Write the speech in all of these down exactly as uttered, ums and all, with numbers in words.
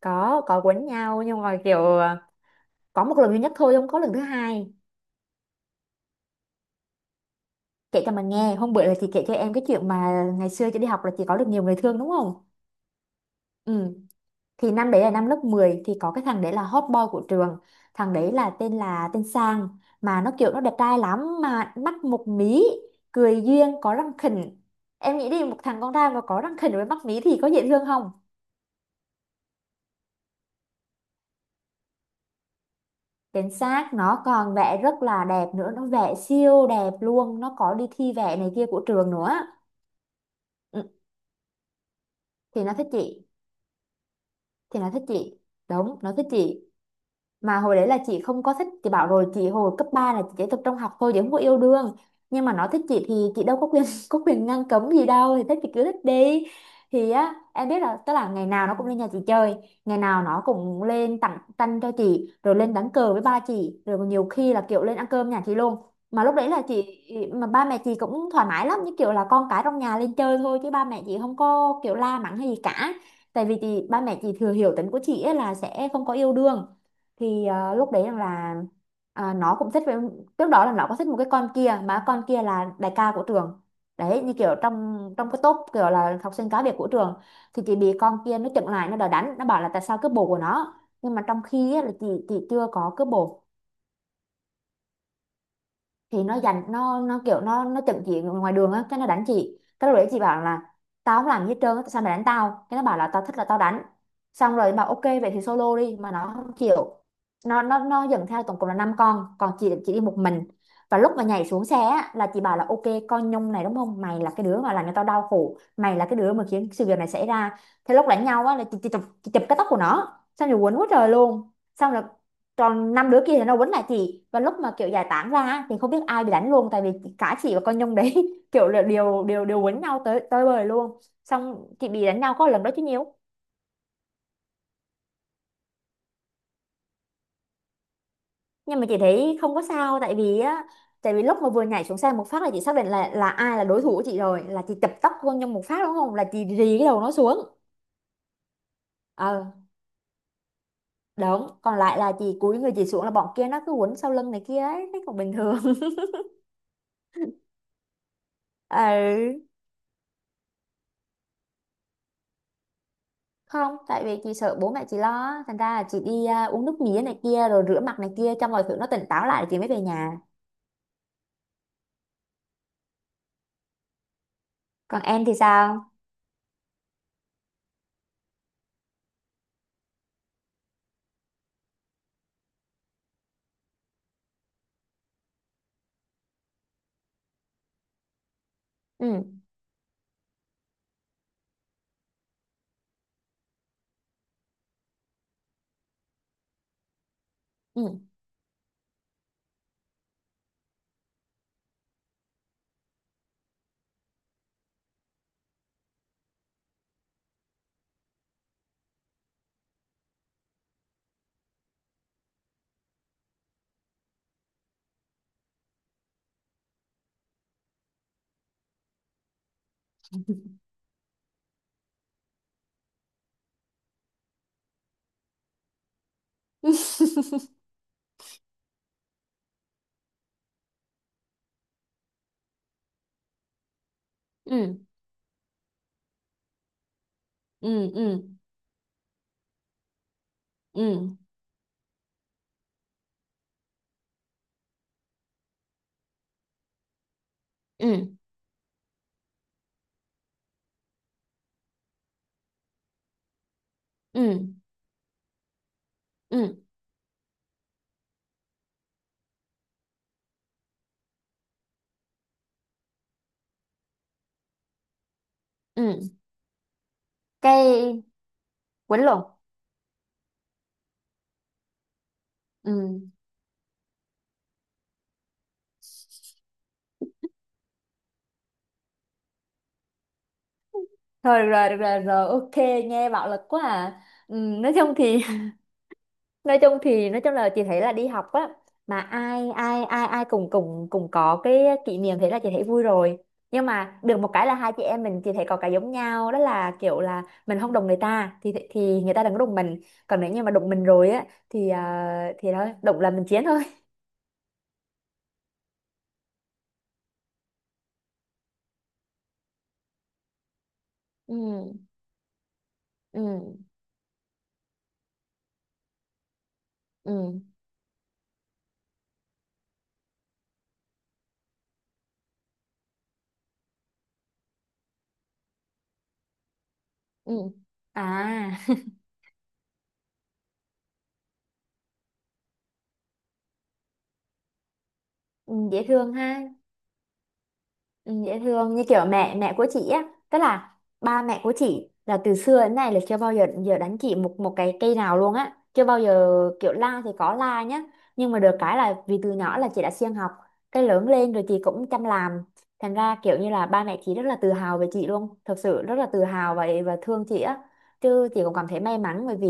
có có quấn nhau nhưng mà kiểu à, có một lần duy nhất thôi, không có lần thứ hai. Kể cho mà nghe, hôm bữa là chị kể cho em cái chuyện mà ngày xưa chị đi học là chị có được nhiều người thương, đúng không? Ừ. Thì năm đấy là năm lớp mười, thì có cái thằng đấy là hot boy của trường. Thằng đấy là tên là tên Sang. Mà nó kiểu nó đẹp trai lắm, mà mắt một mí. Cười duyên, có răng khỉnh. Em nghĩ đi, một thằng con trai mà có răng khỉnh với mắt mí thì có dễ thương không? Chính xác, nó còn vẽ rất là đẹp nữa, nó vẽ siêu đẹp luôn, nó có đi thi vẽ này kia của trường nữa. Ừ, thì nó thích chị thì nó thích chị đúng, nó thích chị. Mà hồi đấy là chị không có thích, chị bảo rồi, chị hồi cấp ba là chị chỉ tập trung học thôi chứ không có yêu đương. Nhưng mà nó thích chị thì chị đâu có quyền có quyền ngăn cấm gì đâu, thì thích thì cứ thích đi. Thì á, em biết, là tức là ngày nào nó cũng lên nhà chị chơi. Ngày nào nó cũng lên tặng tanh cho chị, rồi lên đánh cờ với ba chị, rồi nhiều khi là kiểu lên ăn cơm nhà chị luôn. Mà lúc đấy là chị. Mà ba mẹ chị cũng thoải mái lắm, như kiểu là con cái trong nhà lên chơi thôi chứ ba mẹ chị không có kiểu la mắng hay gì cả. Tại vì chị, ba mẹ chị thừa hiểu tính của chị ấy là sẽ không có yêu đương. Thì ờ, lúc đấy rằng là, à, nó cũng thích với. Trước đó là nó có thích một cái con kia, mà con kia là đại ca của trường. Đấy, như kiểu trong trong cái top kiểu là học sinh cá biệt của trường. Thì chị bị con kia nó chặn lại, nó đòi đánh, nó bảo là tại sao cướp bồ của nó. Nhưng mà trong khi á, là chị chị chưa có cướp bồ. Thì nó dành, nó nó kiểu nó nó chận chị ngoài đường á, cái nó đánh chị, cái lúc đấy chị bảo là. Tao không làm gì hết trơn á, sao mày đánh tao? Cái nó bảo là tao thích là tao đánh. Xong rồi bảo ok vậy thì solo đi mà nó không chịu. Nó nó nó dẫn theo tổng cộng là năm con, còn chị chị đi một mình. Và lúc mà nhảy xuống xe á, là chị bảo là ok. Con nhông này đúng không, mày là cái đứa mà làm cho tao đau khổ, mày là cái đứa mà khiến sự việc này xảy ra. Thế lúc đánh nhau á, là chị, chị, chụp, chị chụp cái tóc của nó xong rồi quấn quá trời luôn. Xong rồi. Còn năm đứa kia thì nó quấn lại chị, và lúc mà kiểu giải tán ra á, thì không biết ai bị đánh luôn, tại vì. Cả chị và con Nhung đấy. Kiểu là đều đều đều quấn nhau tới tới bời luôn. Xong chị bị đánh nhau có lần đó chứ nhiều. Nhưng mà chị thấy không có sao, tại vì á. Tại vì lúc mà vừa nhảy xuống xe một phát là chị xác định là là ai là đối thủ của chị rồi, là chị chập tóc con Nhung một phát đúng không, là chị rì cái đầu nó xuống. Ờ. Đúng, còn lại là chị cúi người chị xuống, là bọn kia nó cứ quấn sau lưng này kia ấy, thấy còn bình thường. Ừ. Không, tại vì chị sợ bố mẹ chị lo á, thành ra là chị đi à, uống nước mía này kia rồi rửa mặt này kia cho mọi thứ nó tỉnh táo lại rồi chị mới về nhà. Còn em thì sao? Ừ, ừ. Ừ, ừ, ừ, ừ, ừ, ừ, ừ, ừ. Cây quấn lộn. Ừ. Thôi được rồi, được rồi, rồi, ok, nghe bạo lực quá à. Ừ, nói chung thì nói chung thì nói chung là chị thấy là đi học á. Mà ai ai ai ai cùng cùng cùng có cái kỷ niệm thế là chị thấy vui rồi. Nhưng mà được một cái là hai chị em mình, chị thấy có cái giống nhau, đó là kiểu là mình không đụng người ta thì thì người ta đừng có đụng mình. Còn nếu như mà đụng mình rồi á thì à, thì thôi, đụng là mình chiến thôi. Ừ, ừ, ừ, ừ. À. Ừ, dễ thương ha. Ừ, dễ thương như kiểu mẹ mẹ của chị á. Tức là, ba mẹ của chị là từ xưa đến nay là chưa bao giờ giờ đánh chị một một cái cây nào luôn á, chưa bao giờ. Kiểu la thì có la nhá, nhưng mà được cái là vì từ nhỏ là chị đã siêng học. Cái lớn lên rồi chị cũng chăm làm. Thành ra kiểu như là ba mẹ chị rất là tự hào về chị luôn, thật sự rất là tự hào và và thương chị á. Chứ chị cũng cảm thấy may mắn bởi vì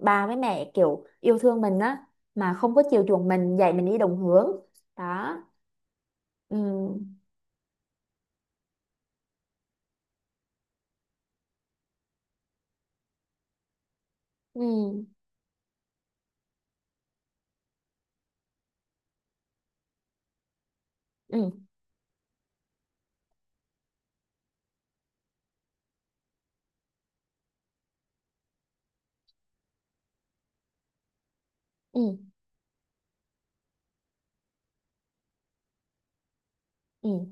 ba với mẹ kiểu yêu thương mình á, mà không có chiều chuộng mình, dạy mình đi đúng hướng. Đó. Ừ. Ừ, ừ, ừ, ừ.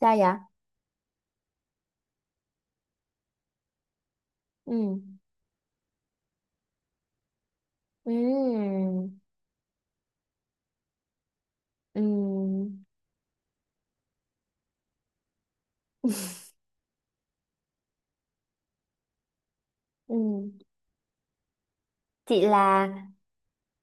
Sao vậy? Ừ, ừ, ừ. Ừ. Chị là,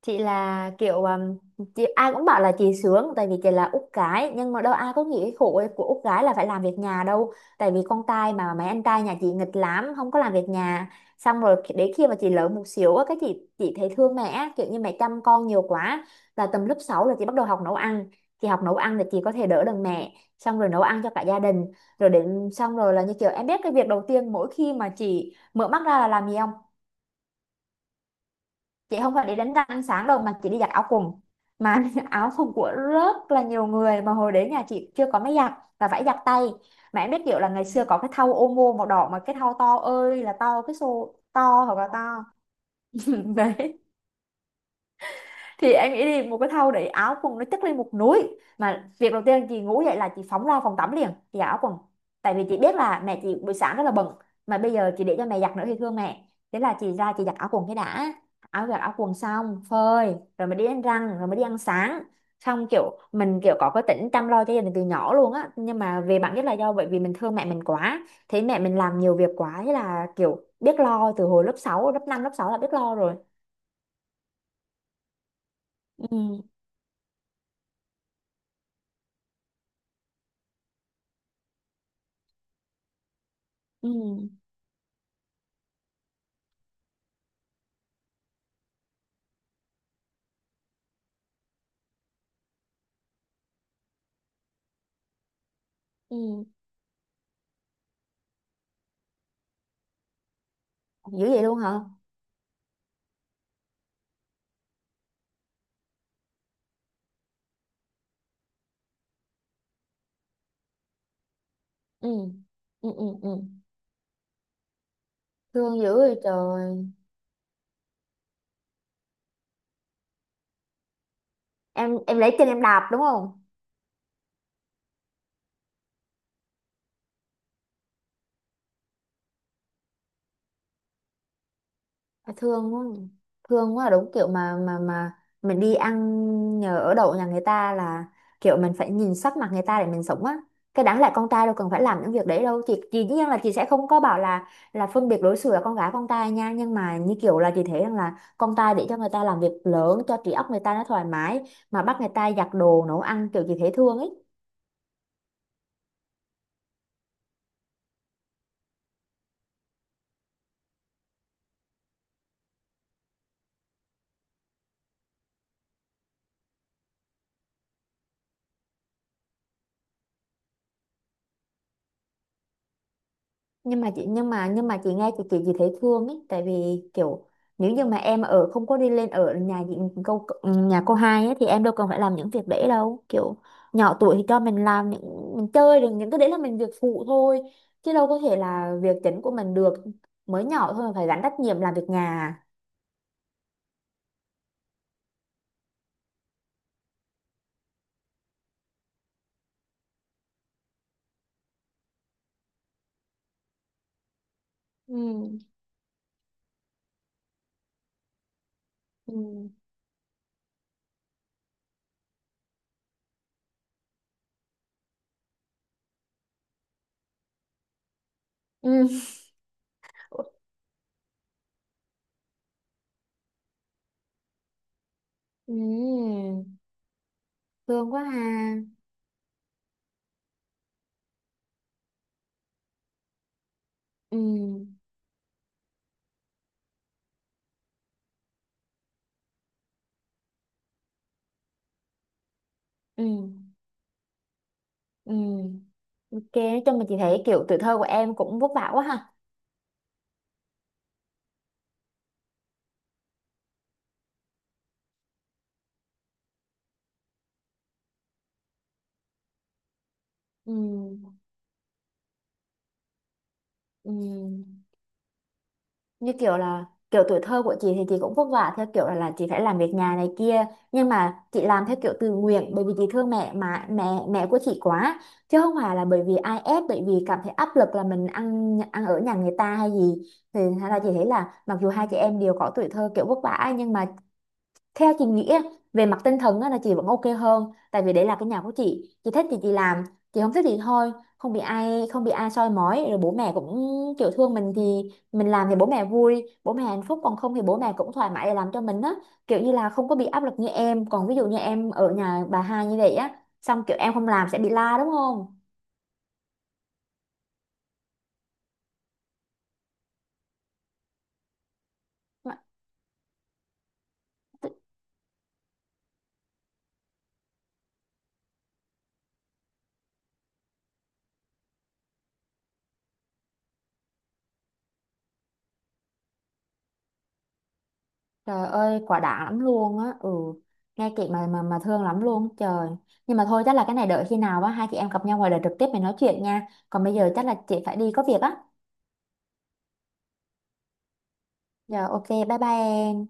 chị là kiểu um, chị, ai cũng bảo là chị sướng tại vì chị là út gái, nhưng mà đâu ai có nghĩ cái khổ của út gái là phải làm việc nhà đâu. Tại vì con trai mà, mấy anh trai nhà chị nghịch lắm không có làm việc nhà. Xong rồi khi- đến khi mà chị lớn một xíu á, cái chị chị thấy thương mẹ á, kiểu như mẹ chăm con nhiều quá. Là tầm lớp sáu là chị bắt đầu học nấu ăn. Chị học nấu ăn thì chị có thể đỡ đần mẹ, xong rồi nấu ăn cho cả gia đình. Rồi đến, xong rồi là như kiểu em biết cái việc đầu tiên mỗi khi mà chị mở mắt ra là làm gì không? Chị không phải đi đánh răng sáng đâu mà chị đi giặt áo quần. Mà áo quần của rất là nhiều người, mà hồi đấy nhà chị chưa có máy giặt, và phải giặt tay. Mà em biết kiểu là ngày xưa có cái thau ô mô màu đỏ, mà cái thau to ơi là to, cái xô to hoặc là to. Đấy. Thì em nghĩ đi, một cái thau để áo quần nó chất lên một núi, mà việc đầu tiên chị ngủ dậy là chị phóng ra phòng tắm liền chị giặt áo quần. Tại vì chị biết là mẹ chị buổi sáng rất là bận, mà bây giờ chị để cho mẹ giặt nữa thì thương mẹ, thế là chị ra chị giặt áo quần cái đã. Áo giặt áo quần xong, phơi rồi mới đi đánh răng, rồi mới đi ăn sáng. Xong kiểu mình kiểu có cái tính chăm lo cho gia đình từ nhỏ luôn á, nhưng mà về bản chất là do bởi vì mình thương mẹ mình quá. Thấy mẹ mình làm nhiều việc quá, thế là kiểu biết lo từ hồi lớp sáu, lớp năm lớp sáu là biết lo rồi. Ừ, ừ, ừ. Dữ vậy luôn hả? Ừ, ừ, ừ, ừ. Thương dữ vậy trời. Em em lấy chân em đạp đúng không? À, thương quá. Thương quá, đúng kiểu mà mà mà. Mình đi ăn nhờ ở đậu nhà người ta là kiểu mình phải nhìn sắc mặt người ta để mình sống á. Cái đáng lẽ con trai đâu cần phải làm những việc đấy đâu, chị chị dĩ nhiên là chị sẽ không có bảo là là phân biệt đối xử là con gái con trai nha, nhưng mà như kiểu là chị thấy rằng là con trai để cho người ta làm việc lớn cho trí óc người ta nó thoải mái. Mà bắt người ta giặt đồ nấu ăn kiểu chị thấy thương ấy. Nhưng mà chị, nhưng mà nhưng mà chị nghe, chị chị, chị thấy thương ấy tại vì kiểu, nếu như mà em ở không có đi lên ở nhà chị, câu nhà cô hai ấy, thì em đâu cần phải làm những việc đấy đâu, kiểu. Nhỏ tuổi thì cho mình làm những mình chơi được, những cái đấy là mình việc phụ thôi, chứ đâu có thể là việc chính của mình được. Mới nhỏ thôi mà phải gánh trách nhiệm làm việc nhà à. Ừ, ừ, ừ. Ừ. Thương quá ha. Ừ, ừ, ừ. Ok, nói chung mà chị thấy kiểu tuổi thơ của em cũng vất vả quá ha. Ừ. Ừm, như kiểu là, kiểu tuổi thơ của chị thì chị cũng vất vả theo kiểu là, là chị phải làm việc nhà này kia. Nhưng mà chị làm theo kiểu tự nguyện bởi vì chị thương mẹ mà mẹ mẹ của chị quá, chứ không phải là bởi vì ai ép, bởi vì cảm thấy áp lực là mình ăn ăn ở nhà người ta hay gì. Thì hay là chị thấy là mặc dù hai chị em đều có tuổi thơ kiểu vất vả, nhưng mà theo chị nghĩ á, về mặt tinh thần á, là chị vẫn ok hơn tại vì đấy là cái nhà của chị chị thích thì chị làm, chị không thích thì thôi. Không bị ai không bị ai soi mói, rồi bố mẹ cũng kiểu thương mình thì, mình làm thì bố mẹ vui, bố mẹ hạnh phúc, còn không thì bố mẹ cũng thoải mái để làm cho mình á. Kiểu như là không có bị áp lực như em, còn ví dụ như em ở nhà bà hai như vậy á, xong kiểu em không làm sẽ bị la đúng không? Trời ơi, quả đã lắm luôn á. Ừ. Nghe chị mà mà mà thương lắm luôn trời. Nhưng mà thôi, chắc là cái này đợi khi nào á hai chị em gặp nhau ngoài đời trực tiếp mình nói chuyện nha, còn bây giờ chắc là chị phải đi có việc á. Rồi ok, bye bye em.